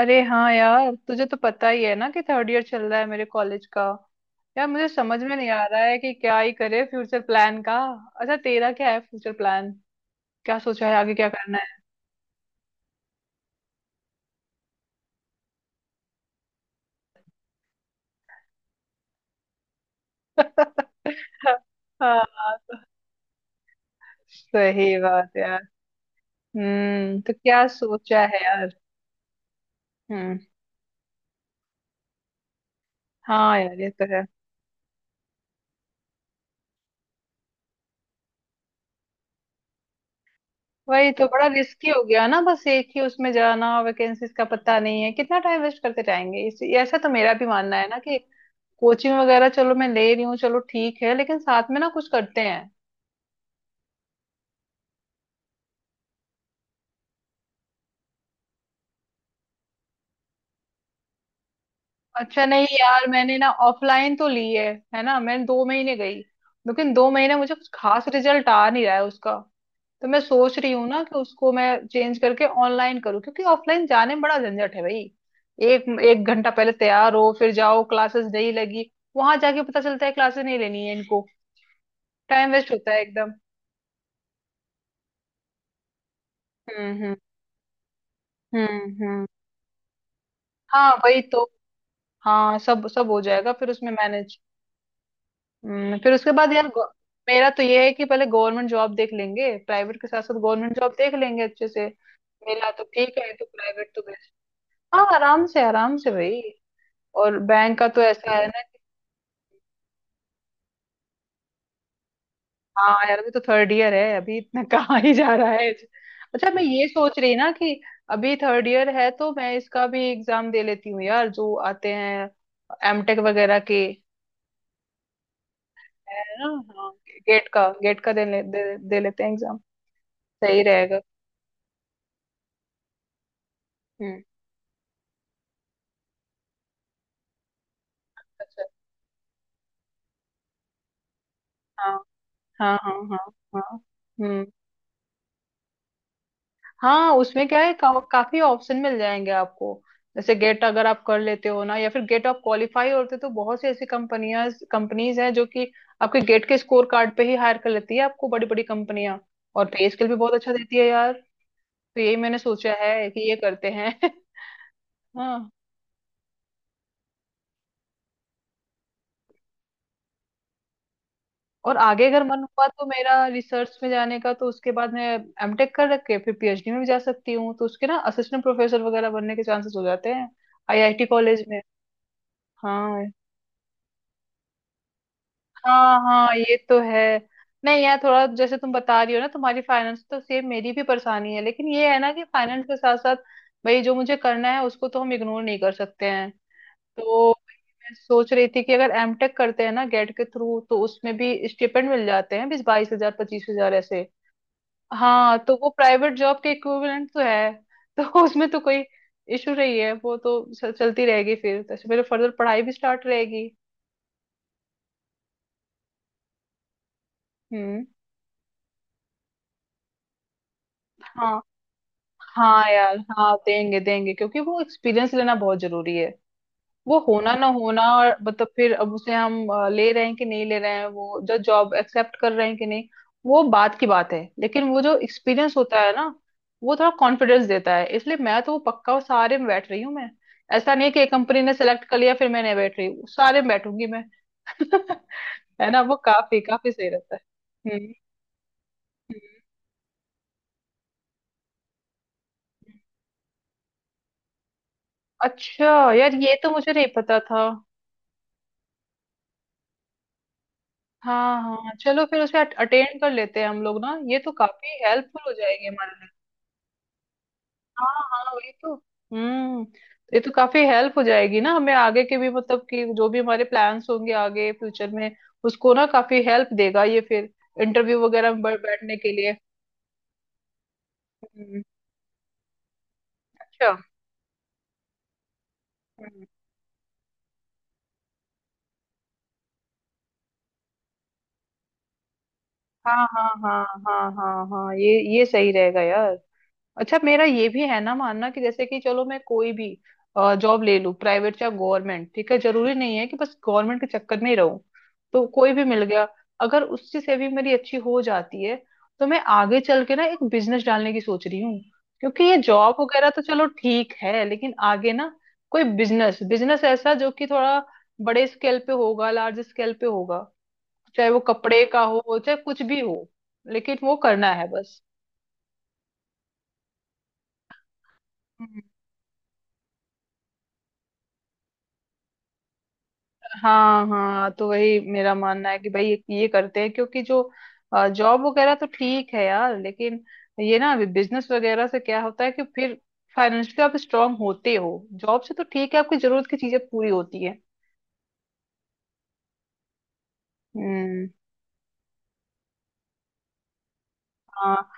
अरे हाँ यार, तुझे तो पता ही है ना कि थर्ड ईयर चल रहा है मेरे कॉलेज का। यार मुझे समझ में नहीं आ रहा है कि क्या ही करे फ्यूचर प्लान का। अच्छा, तेरा क्या है फ्यूचर प्लान? क्या सोचा है आगे क्या करना है? हाँ सही बात यार। हम्म, तो क्या सोचा है यार? हम्म। हाँ यार, ये तो है। वही तो, बड़ा रिस्की हो गया ना, बस एक ही उसमें जाना, वैकेंसीज का पता नहीं है, कितना टाइम वेस्ट करते जाएंगे, ऐसा तो मेरा भी मानना है ना कि कोचिंग वगैरह, चलो मैं ले रही हूँ, चलो ठीक है, लेकिन साथ में ना कुछ करते हैं। अच्छा नहीं यार, मैंने ना ऑफलाइन तो ली है ना, मैं 2 महीने गई। लेकिन दो महीने मुझे कुछ खास रिजल्ट आ नहीं रहा है उसका। तो मैं सोच रही हूँ ना कि उसको मैं चेंज करके ऑनलाइन करूँ, क्योंकि ऑफलाइन जाने में बड़ा झंझट है भाई। एक एक घंटा पहले तैयार हो फिर जाओ, क्लासेस नहीं लगी, वहां जाके पता चलता है क्लासेस नहीं लेनी है इनको, टाइम वेस्ट होता है एकदम। हम्म, हम्म, हम्म, हाँ वही तो। हाँ, सब सब हो जाएगा फिर उसमें मैनेज। फिर उसके बाद यार मेरा तो ये है कि पहले गवर्नमेंट जॉब देख लेंगे, प्राइवेट के साथ साथ गवर्नमेंट जॉब देख लेंगे अच्छे से। मिला तो ठीक है, तो प्राइवेट तो बेस्ट। हाँ, आराम से भाई। और बैंक का तो ऐसा है ना कि हाँ यार, अभी तो थर्ड ईयर है, अभी इतना कहाँ ही जा रहा है। अच्छा, मैं ये सोच रही ना कि अभी थर्ड ईयर है तो मैं इसका भी एग्जाम दे लेती हूँ यार, जो आते हैं एमटेक वगैरह के, है ना। हाँ। गेट का दे, ले, दे, दे लेते हैं एग्जाम। सही रहेगा। हम्म। अच्छा। हाँ, हाँ, हाँ, हाँ, हाँ। हम्म। हाँ। उसमें क्या है काफी ऑप्शन मिल जाएंगे आपको। जैसे गेट अगर आप कर लेते हो ना, या फिर गेट आप क्वालिफाई होते तो बहुत सी ऐसी कंपनियां कंपनीज हैं जो कि आपके गेट के स्कोर कार्ड पे ही हायर कर लेती है आपको, बड़ी बड़ी कंपनियां। और पे स्केल भी बहुत अच्छा देती है यार। तो यही मैंने सोचा है कि ये करते हैं। हाँ। और आगे अगर मन हुआ तो मेरा रिसर्च में जाने का, तो उसके बाद मैं एमटेक कर रख के फिर पीएचडी में भी जा सकती हूँ, तो उसके ना असिस्टेंट प्रोफेसर वगैरह बनने के चांसेस हो जाते हैं आईआईटी कॉलेज में। हाँ, हाँ हाँ, ये तो है। नहीं यार, थोड़ा जैसे तुम बता रही हो ना, तुम्हारी फाइनेंस, तो सेम मेरी भी परेशानी है, लेकिन ये है ना कि फाइनेंस के साथ साथ भाई जो मुझे करना है उसको तो हम इग्नोर नहीं कर सकते हैं। तो मैं सोच रही थी कि अगर एमटेक करते हैं ना गेट के थ्रू तो उसमें भी स्टिपेंड मिल जाते हैं, 20-22 हजार, 25 हजार ऐसे। हाँ तो वो प्राइवेट जॉब के इक्विवेलेंट तो है। तो उसमें तो कोई इशू नहीं है, वो तो चलती रहेगी फिर, तो ऐसे मेरे फर्दर पढ़ाई भी स्टार्ट रहेगी। हम्म। हाँ, हाँ यार, हाँ देंगे देंगे, क्योंकि वो एक्सपीरियंस लेना बहुत जरूरी है। वो होना ना होना और मतलब फिर अब उसे हम ले रहे हैं कि नहीं ले रहे हैं, वो जो जॉब एक्सेप्ट कर रहे हैं कि नहीं, वो बात की बात है, लेकिन वो जो एक्सपीरियंस होता है ना वो थोड़ा कॉन्फिडेंस देता है, इसलिए मैं तो वो पक्का सारे में बैठ रही हूँ मैं। ऐसा नहीं है कि एक कंपनी ने सेलेक्ट कर लिया फिर मैं नहीं बैठ रही हूँ, सारे में बैठूंगी मैं। है ना, वो काफी काफी सही रहता है। हम्म। हम्म। अच्छा यार, ये तो मुझे नहीं पता था। हाँ हाँ, चलो फिर उसे अटेंड कर लेते हैं हम लोग ना, ये तो काफी हेल्पफुल हो जाएगी हमारे लिए। हाँ हाँ वही तो। हम्म। ये तो काफी हेल्प हो जाएगी ना हमें आगे के भी, मतलब कि जो भी हमारे प्लान्स होंगे आगे फ्यूचर में उसको ना काफी हेल्प देगा ये, फिर इंटरव्यू वगैरह में बैठने के लिए। हम्म। अच्छा। हम्म। हाँ, हाँ, हाँ, हाँ, हाँ, हाँ, ये सही रहेगा यार। अच्छा, मेरा ये भी है ना मानना कि जैसे कि चलो मैं कोई भी जॉब ले लूँ, प्राइवेट या गवर्नमेंट, ठीक है, जरूरी नहीं है कि बस गवर्नमेंट के चक्कर में ही रहूं, तो कोई भी मिल गया अगर उससे से भी मेरी अच्छी हो जाती है तो मैं आगे चल के ना एक बिजनेस डालने की सोच रही हूँ, क्योंकि ये जॉब वगैरह तो चलो ठीक है, लेकिन आगे ना कोई बिजनेस बिजनेस ऐसा जो कि थोड़ा बड़े स्केल पे होगा, लार्ज स्केल पे होगा, चाहे वो कपड़े का हो चाहे कुछ भी हो, लेकिन वो करना है बस। हाँ हाँ, तो वही मेरा मानना है कि भाई ये करते हैं, क्योंकि जो जॉब वगैरह तो ठीक है यार, लेकिन ये ना बिजनेस वगैरह से क्या होता है कि फिर फाइनेंशियली आप स्ट्रांग होते हो, जॉब से तो ठीक है आपकी जरूरत की चीजें पूरी होती है। हम्म। हाँ।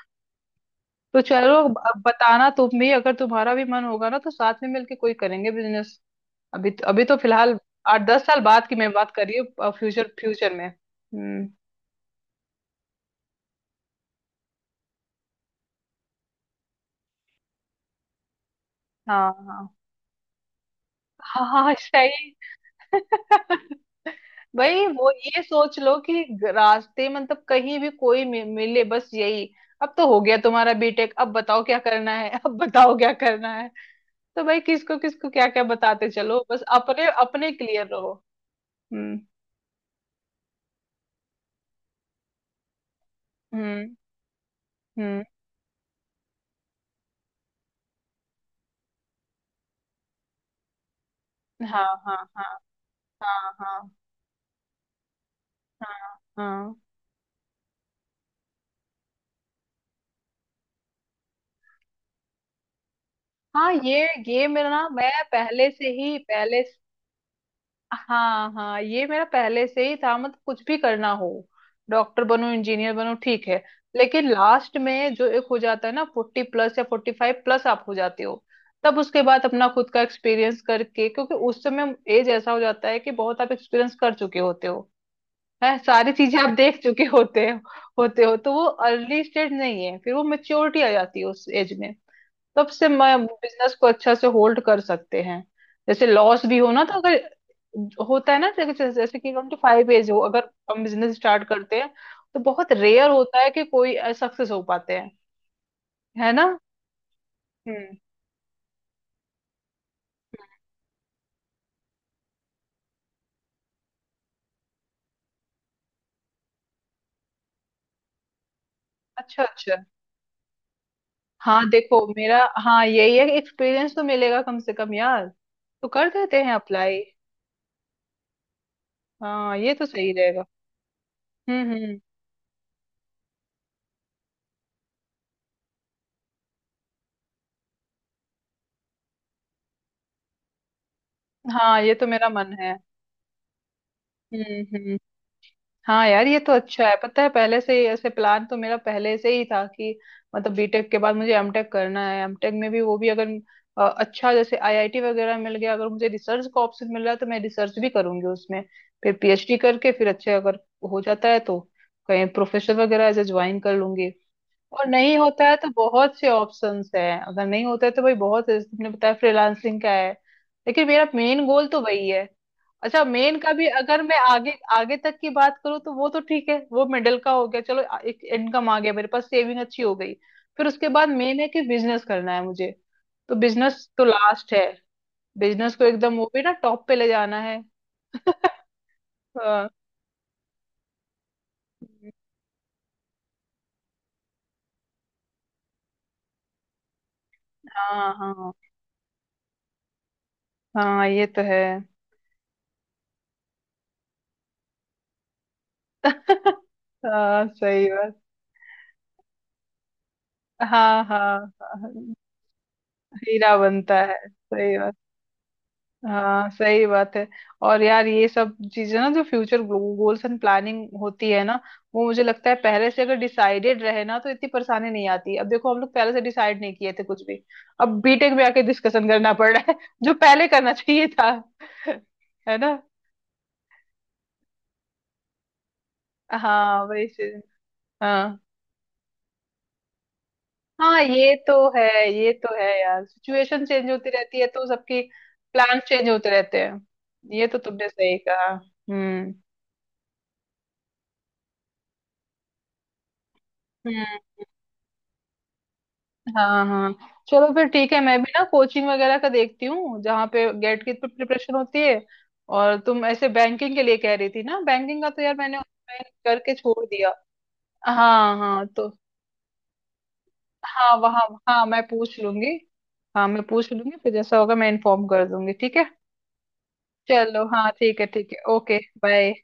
तो चलो अब बताना तुम भी, अगर तुम्हारा भी मन होगा ना तो साथ में मिलके कोई करेंगे बिजनेस। अभी तो फिलहाल 8-10 साल बाद की मैं बात कर रही हूँ, फ्यूचर फ्यूचर में। हम्म। हाँ हाँ। हाँ हाँ, सही। भाई, वो ये सोच लो कि रास्ते, मतलब कहीं भी कोई मिले, बस यही, अब तो हो गया तुम्हारा बीटेक, अब बताओ क्या करना है, अब बताओ क्या करना है, तो भाई किसको किसको क्या क्या बताते, चलो बस अपने अपने क्लियर रहो। हम्म, हम्म, हम्म। हाँ, हाँ, हाँ, हाँ, हाँ, हाँ, हाँ, हाँ। ये मेरा ना, मैं पहले से ही पहले। हाँ हाँ, ये मेरा पहले से ही था, मतलब कुछ भी करना हो, डॉक्टर बनो, इंजीनियर बनो, ठीक है, लेकिन लास्ट में जो एक हो जाता है ना, 40+ या 45+ आप हो जाते हो, तब उसके बाद अपना खुद का एक्सपीरियंस करके, क्योंकि उस समय एज ऐसा हो जाता है कि बहुत आप एक्सपीरियंस कर चुके होते हो, है, सारी चीजें आप देख चुके होते हो, होते हो, तो वो अर्ली स्टेज नहीं है फिर, वो मेच्योरिटी आ जाती है उस एज में, तब से मैं बिजनेस को अच्छा से होल्ड कर सकते हैं। जैसे लॉस भी हो ना तो अगर होता है ना, जैसे जैसे कि हम फाइव एज हो अगर हम बिजनेस स्टार्ट करते हैं तो बहुत रेयर होता है कि कोई सक्सेस हो पाते हैं, है ना। हम्म। अच्छा अच्छा। हाँ देखो मेरा, हाँ यही है, एक्सपीरियंस तो मिलेगा कम से कम यार, तो कर देते हैं अप्लाई। हाँ, ये तो सही रहेगा। हम्म। हम्म। हाँ, ये तो मेरा मन है। हम्म। हम्म। हाँ यार, ये तो अच्छा है, पता है पहले से ही ऐसे प्लान तो मेरा पहले से ही था कि मतलब बीटेक के बाद मुझे एमटेक करना है, एमटेक में भी वो भी अगर अच्छा, जैसे आईआईटी वगैरह मिल गया, अगर मुझे रिसर्च का ऑप्शन मिल रहा है तो मैं रिसर्च भी करूंगी उसमें, फिर पीएचडी करके फिर अच्छे अगर हो जाता है तो कहीं प्रोफेसर वगैरह ऐसे ज्वाइन कर लूंगी। और नहीं होता है तो बहुत से ऑप्शंस हैं, अगर नहीं होता है तो भाई बहुत है, तुमने बताया फ्रीलांसिंग का है, लेकिन मेरा मेन गोल तो वही है। अच्छा, मेन का भी अगर मैं आगे आगे तक की बात करूँ तो वो तो ठीक है, वो मिडिल का हो गया, चलो एक इनकम आ गया मेरे पास, सेविंग अच्छी हो गई, फिर उसके बाद मेन है कि बिजनेस करना है मुझे, तो बिजनेस तो लास्ट है, बिजनेस को एकदम वो भी ना टॉप पे ले जाना है। हाँ, हाँ, हाँ, हाँ, ये तो है। हाँ सही बात। हाँ, हाँ, हाँ, हीरा बनता है, सही बात। हाँ सही बात है। और यार ये सब चीजें ना जो फ्यूचर गोल्स एंड प्लानिंग होती है ना, वो मुझे लगता है पहले से अगर डिसाइडेड रहे ना तो इतनी परेशानी नहीं आती, अब देखो हम लोग पहले से डिसाइड नहीं किए थे कुछ भी, अब बीटेक में आके डिस्कशन करना पड़ रहा है जो पहले करना चाहिए था। है ना। हाँ वही चीज। हाँ हाँ, ये तो है। ये तो है यार, सिचुएशन चेंज होती रहती है तो सबकी प्लान चेंज होते रहते हैं, ये तो तुमने सही कहा। हम्म। हाँ हाँ चलो, फिर ठीक है, मैं भी ना कोचिंग वगैरह का देखती हूँ जहाँ पे गेट की प्रिपरेशन होती है, और तुम ऐसे बैंकिंग के लिए कह रही थी ना, बैंकिंग का तो यार मैंने ऑनलाइन करके छोड़ दिया। हाँ हाँ तो। हाँ वहाँ। हाँ मैं पूछ लूंगी। हाँ मैं पूछ लूंगी फिर, जैसा होगा मैं इन्फॉर्म कर दूंगी ठीक है। चलो हाँ, ठीक है ठीक है, ओके बाय।